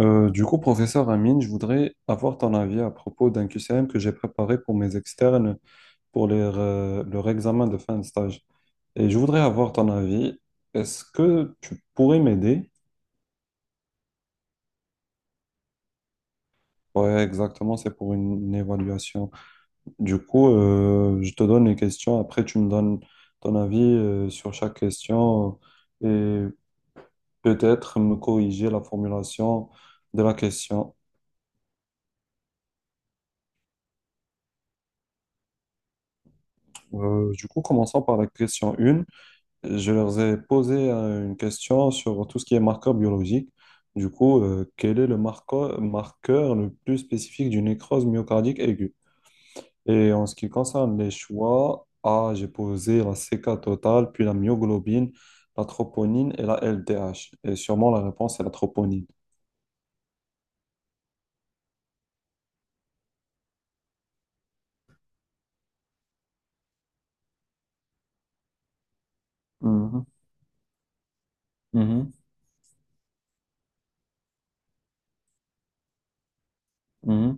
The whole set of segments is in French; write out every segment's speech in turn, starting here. Du coup, professeur Amine, je voudrais avoir ton avis à propos d'un QCM que j'ai préparé pour mes externes pour leur examen de fin de stage. Et je voudrais avoir ton avis. Est-ce que tu pourrais m'aider? Ouais, exactement, c'est pour une évaluation. Du coup, je te donne les questions. Après, tu me donnes ton avis, sur chaque question, et peut-être me corriger la formulation de la question. Du coup, commençons par la question 1. Je leur ai posé une question sur tout ce qui est marqueur biologique. Du coup, quel est le marqueur le plus spécifique d'une nécrose myocardique aiguë? Et en ce qui concerne les choix, A, j'ai posé la CK totale, puis la myoglobine, la troponine et la LDH. Et sûrement la réponse est la troponine. Mhm. Mhm. Mhm.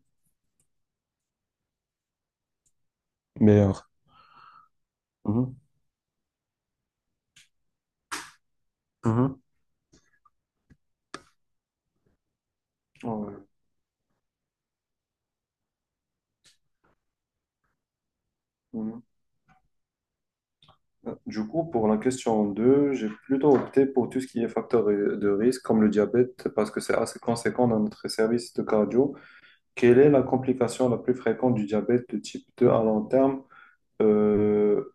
Meilleur. Mhm. Mhm. Ouais. Mhm. Du coup, pour la question 2, j'ai plutôt opté pour tout ce qui est facteur de risque, comme le diabète, parce que c'est assez conséquent dans notre service de cardio. Quelle est la complication la plus fréquente du diabète de type 2 à long terme? Euh,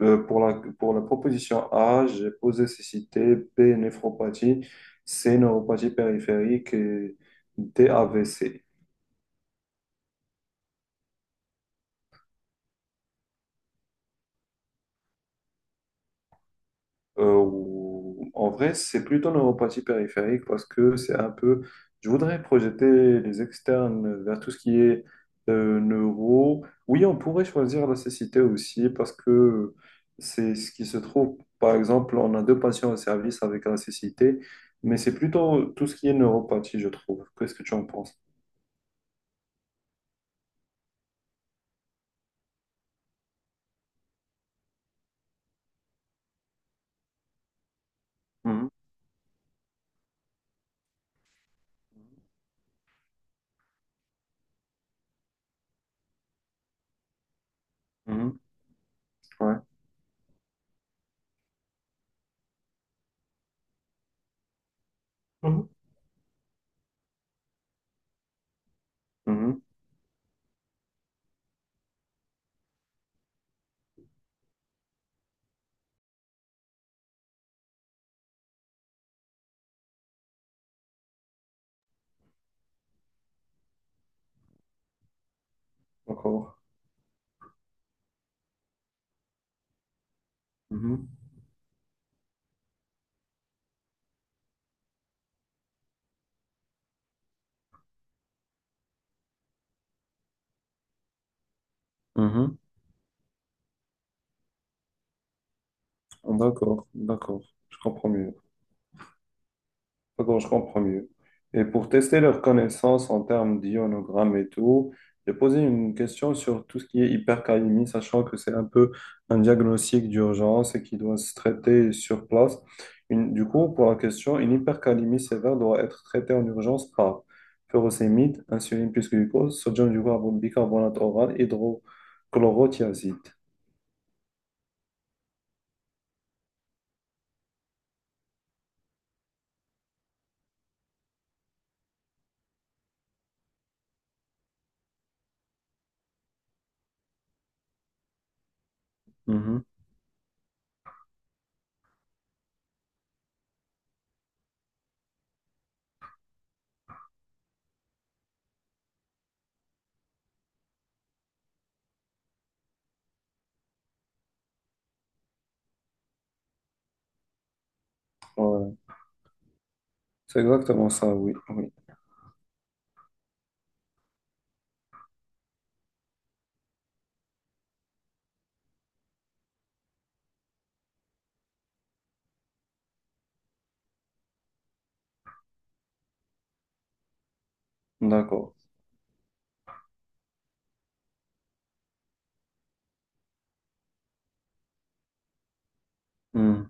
pour la proposition A, j'ai posé cécité, B, néphropathie, C, neuropathie périphérique et D, AVC. En vrai, c'est plutôt neuropathie périphérique parce que c'est un peu. Je voudrais projeter les externes vers tout ce qui est neuro. Oui, on pourrait choisir la cécité aussi parce que c'est ce qui se trouve. Par exemple, on a deux patients au service avec la cécité, mais c'est plutôt tout ce qui est neuropathie, je trouve. Qu'est-ce que tu en penses? Mhm. Mhm. Ouais. Mhm. Mhm. D'accord. Mhm. Mhm. D'accord, d'accord. Je comprends mieux. Bon, je comprends mieux. Et pour tester leurs connaissances en termes d'ionogramme et tout, j'ai posé une question sur tout ce qui est hypercalémie, sachant que c'est un peu un diagnostic d'urgence et qui doit se traiter sur place. Du coup, pour la question, une hypercalémie sévère doit être traitée en urgence par furosémide, insuline plus glucose, sodium du bicarbonate oral, hydrochlorothiazide. Mhm. Ouais. C'est exactement ça, oui, oui. D'accord. Hmm.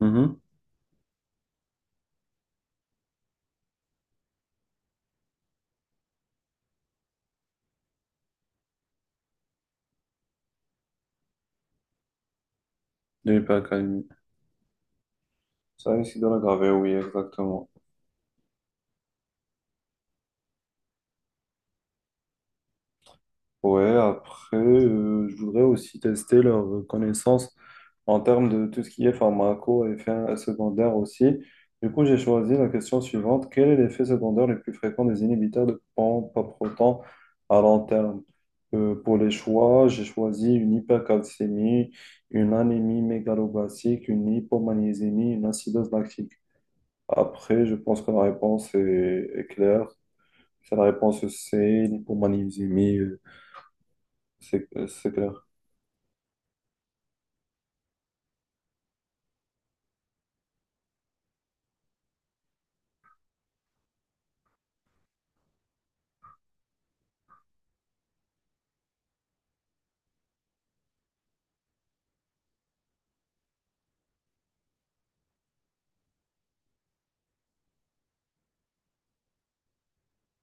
Mhm. De l'hypercalcémie. Ça risque de l'aggraver, oui, exactement. Ouais, après, je voudrais aussi tester leurs connaissances en termes de tout ce qui est pharmaco et effets secondaires aussi. Du coup, j'ai choisi la question suivante. Quel est l'effet secondaire le plus fréquent des inhibiteurs de pompe à proton à long terme? Pour les choix, j'ai choisi une hypercalcémie, une anémie mégaloblastique, une hypomagnésémie, une acidose lactique. Après, je pense que la réponse est claire. C'est la réponse C, l'hypomagnésémie, c'est clair.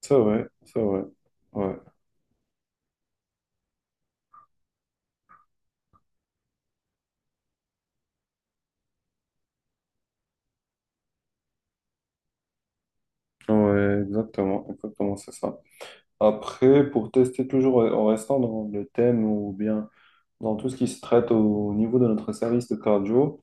C'est vrai, c'est vrai. Ouais, ouais, exactement, exactement, c'est ça. Après, pour tester toujours en restant dans le thème ou bien dans tout ce qui se traite au niveau de notre service de cardio,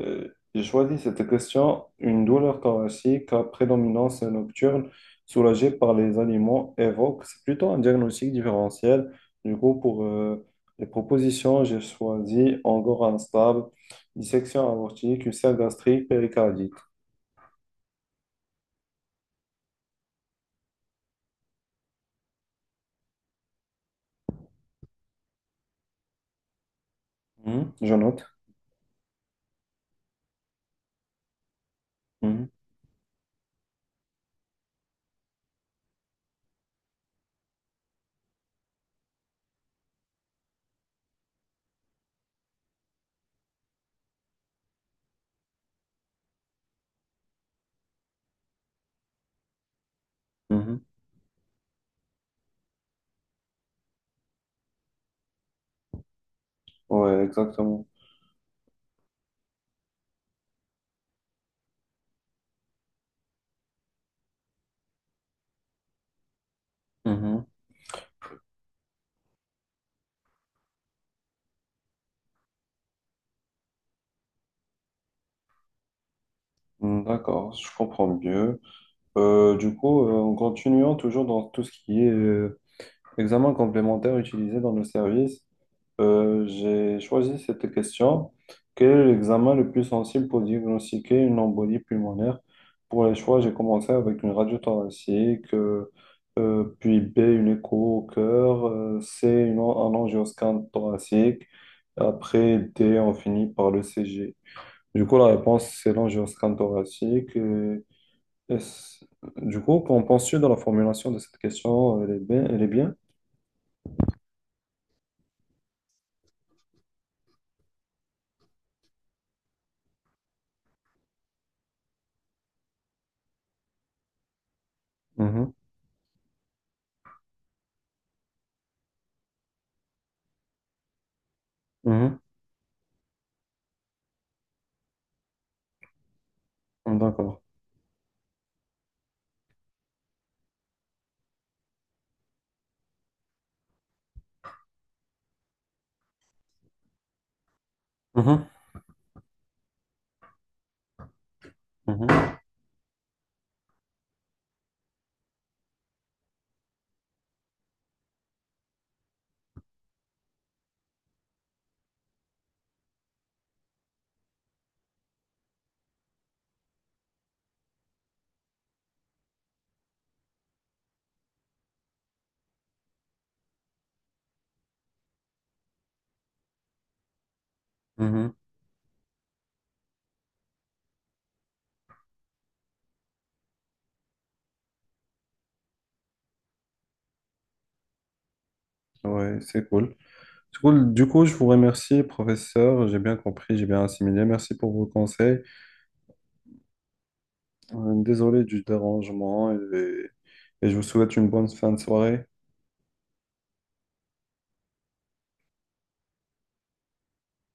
Euh, j'ai choisi cette question. Une douleur thoracique à prédominance nocturne soulagée par les aliments évoque. C'est plutôt un diagnostic différentiel. Du coup, pour les propositions, j'ai choisi angor instable, dissection aortique, ulcère gastrique, péricardite. Mhm, je note. Mhm, mhm. Ouais, exactement. Mhm. Mm, d'accord, je comprends mieux. Du coup, en continuant toujours dans tout ce qui est examen complémentaire utilisé dans nos services, j'ai choisi cette question. Quel est l'examen le plus sensible pour diagnostiquer une embolie pulmonaire? Pour les choix, j'ai commencé avec une radio thoracique, puis B, une écho au cœur, C, un angioscan thoracique. Après D, on finit par le CG. Du coup, la réponse, c'est l'angioscan thoracique. Et c- du coup, qu'en penses-tu de la formulation de cette question? Elle est bien? Elle est bien? Mhm. Mhm. D'accord. Mhm. Mhm. Mhm. Ouais, c'est cool. C'est cool. Du coup, je vous remercie, professeur. J'ai bien compris, j'ai bien assimilé. Merci pour vos conseils. Désolé du dérangement et je vous souhaite une bonne fin de soirée.